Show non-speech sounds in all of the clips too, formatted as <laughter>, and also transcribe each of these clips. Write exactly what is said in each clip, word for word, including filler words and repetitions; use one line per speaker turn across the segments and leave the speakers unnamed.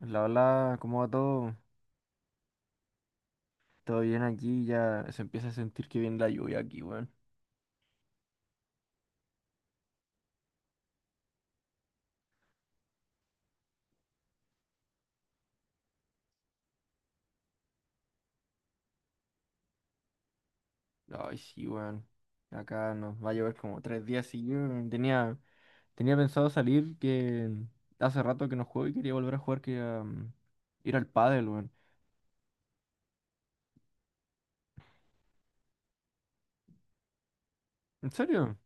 La hola, ¿cómo va todo? Todo bien aquí, ya se empieza a sentir que viene la lluvia aquí, weón. Ay, sí, weón. Acá nos va a llover como tres días seguidos. Weón. Tenía, tenía pensado salir que hace rato que no juego y quería volver a jugar, que um, ir al pádel, weón. ¿En serio?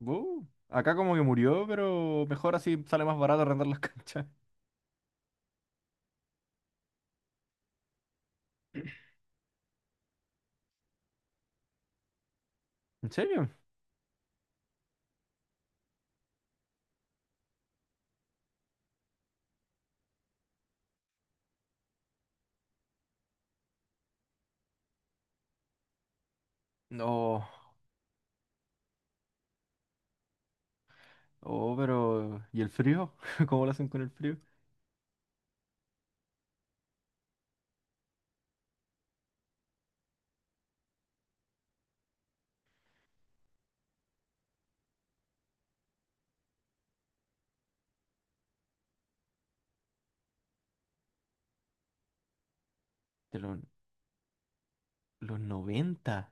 Wow. Acá como que murió, pero mejor así sale más barato arrendar las <laughs> canchas. ¿En serio? No. Oh, pero ¿y el frío? <laughs> ¿Cómo lo hacen con el frío? De los, los noventa.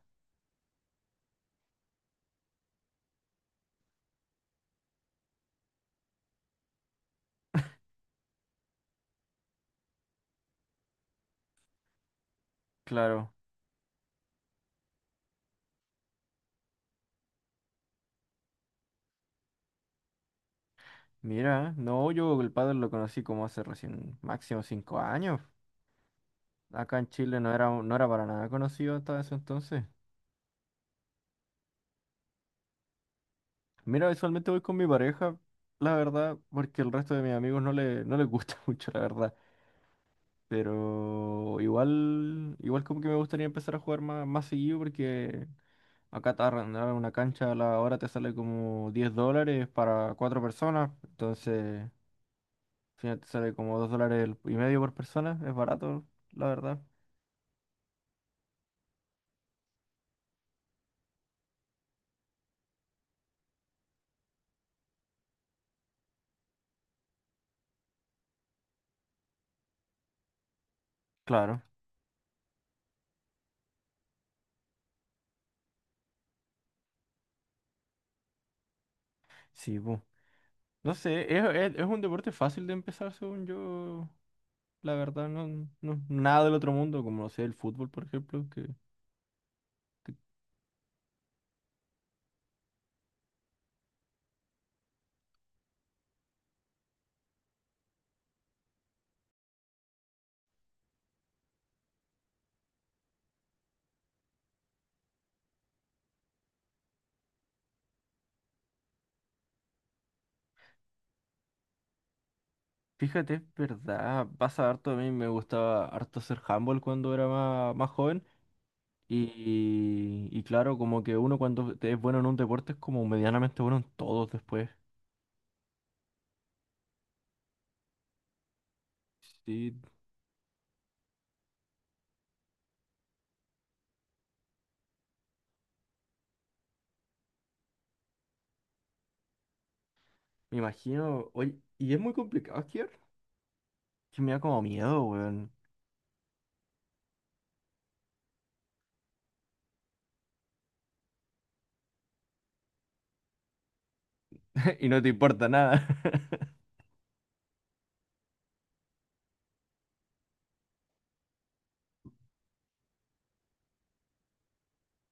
Claro. Mira, no, yo el pádel lo conocí como hace recién máximo cinco años. Acá en Chile no era, no era para nada conocido hasta ese entonces. Mira, usualmente voy con mi pareja, la verdad, porque el resto de mis amigos no le, no les gusta <laughs> mucho, la verdad. Pero igual, igual como que me gustaría empezar a jugar más, más seguido porque acá te arrendar una cancha a la hora te sale como diez dólares para cuatro personas. Entonces, al final te sale como dos dólares y medio por persona. Es barato, la verdad. Claro. Sí, bu. No sé, es, es- es un deporte fácil de empezar, según yo. La verdad, no, no, nada del otro mundo, como no sé, el fútbol, por ejemplo, que, que- fíjate, es verdad, pasa harto, a mí me gustaba harto hacer handball cuando era más, más joven y, y claro, como que uno cuando te- es bueno en un deporte es como medianamente bueno en todos después. Sí, me imagino, oye, y es muy complicado esquiar, que me da como miedo, weón, <laughs> y no te importa nada. <laughs>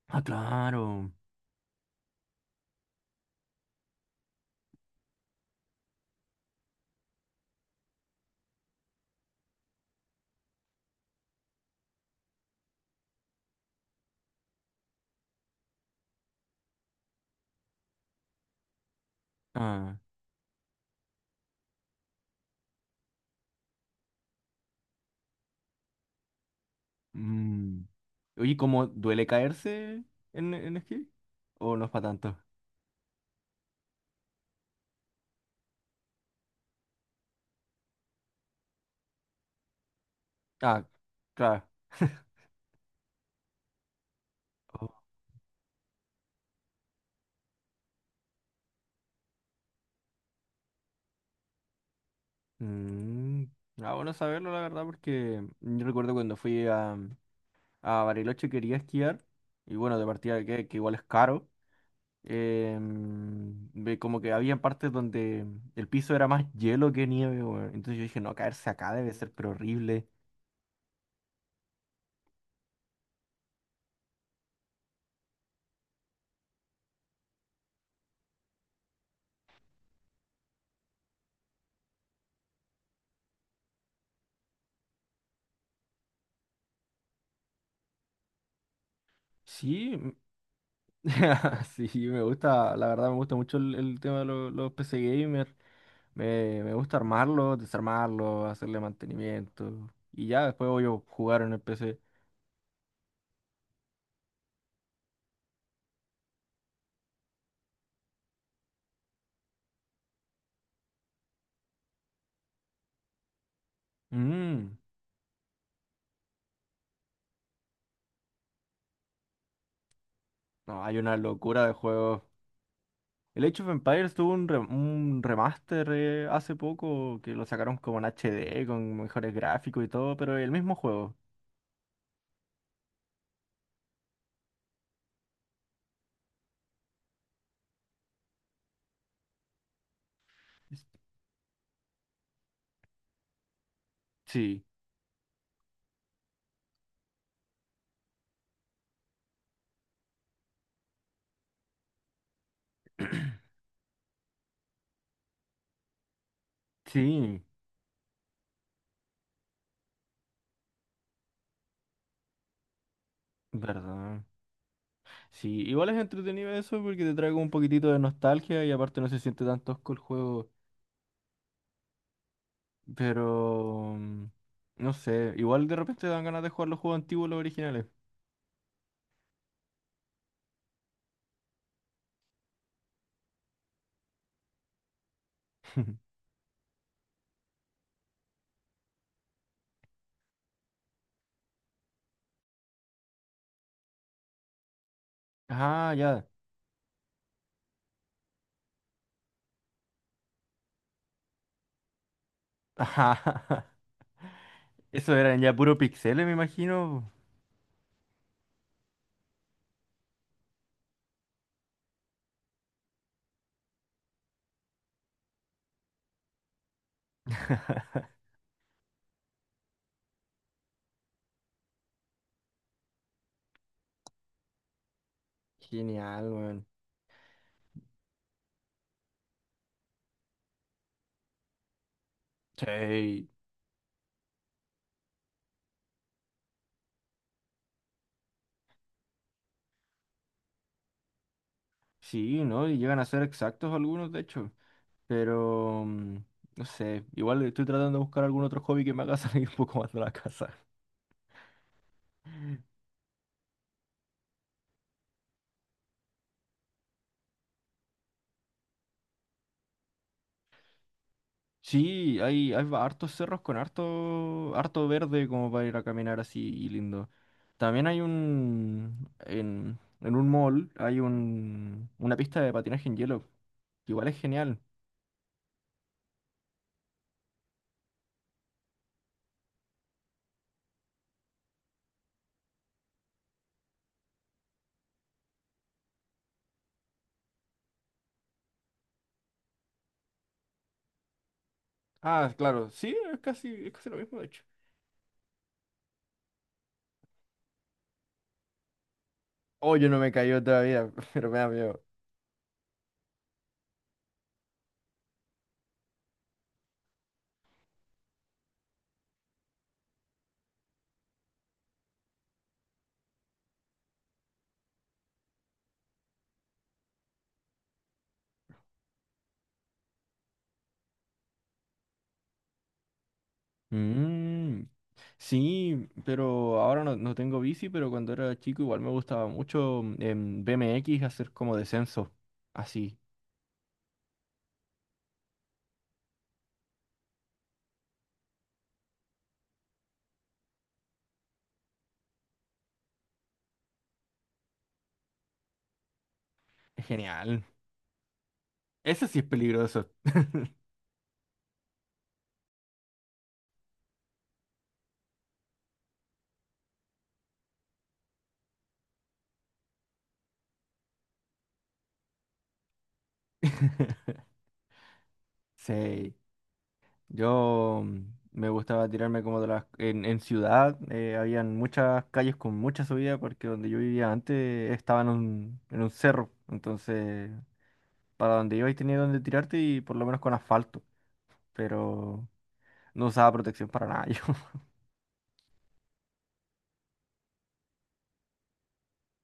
Ah, claro. Mm. Oye, ¿cómo duele caerse en, en esquí? ¿O no es para tanto? Ah, claro. Oh. Mm, ah, bueno saberlo, la verdad, porque yo recuerdo cuando fui a, a Bariloche, quería esquiar, y bueno, de partida que, que igual es caro, em, ve como que había partes donde el piso era más hielo que nieve, weón. Entonces yo dije, no, caerse acá debe ser pero horrible. Sí, m- <laughs> sí, me gusta, la verdad me gusta mucho el, el tema de lo- los P C Gamer. Me, me gusta armarlo, desarmarlo, hacerle mantenimiento. Y ya después voy a jugar en el P C. Mm, no, hay una locura de juegos. El Age of Empires tuvo un, re- un remaster eh, hace poco que lo sacaron como en H D, con mejores gráficos y todo, pero el mismo juego. Es- sí, sí, verdad. Sí, igual es entretenido eso porque te trae como un poquitito de nostalgia y aparte no se siente tan tosco el juego. Pero mm, no sé, igual de repente dan ganas de jugar los juegos antiguos, los originales. <laughs> Ah, ya. Ajá. <laughs> Eso eran ya puro pixeles, me imagino. Genial, weón. Sí. Sí, ¿no? Y llegan a ser exactos algunos, de hecho. Pero, mm, no sé, igual estoy tratando de buscar algún otro hobby que me haga <laughs> salir un poco más de la casa. Sí, hay, hay ba- hartos cerros con harto, harto verde como para ir a caminar así y lindo. También hay un, en, en un mall hay un, una pista de patinaje en hielo, que igual es genial. Ah, claro, sí, es casi, es casi lo mismo, de hecho. Oh, yo no me caí otra vida, <laughs> pero me da miedo. Mm, sí, pero ahora no, no tengo bici, pero cuando era chico igual me gustaba mucho mm, en B M X hacer como descenso. Así, es genial. Ese sí es peligroso. <laughs> Sí, yo mm, me gustaba tirarme como de las... En, en ciudad eh, habían muchas calles con mucha subida porque donde yo vivía antes estaba en un, en un cerro, entonces para donde ibas tenía donde tirarte y por lo menos con asfalto, pero no usaba protección para nada <laughs> yo.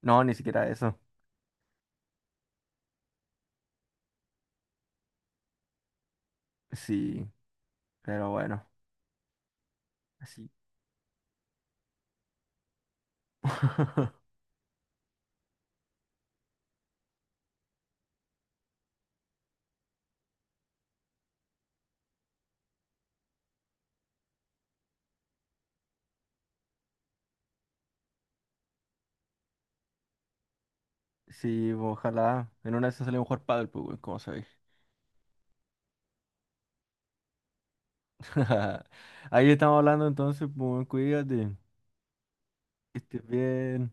No, ni siquiera eso. Sí, pero bueno, así. <laughs> Sí, pues, ojalá. En una de esas salimos a jugar pádel, pues, weón, como sabéis. <laughs> Ahí estamos hablando entonces, pues, weón, cuídate. Que estés bien.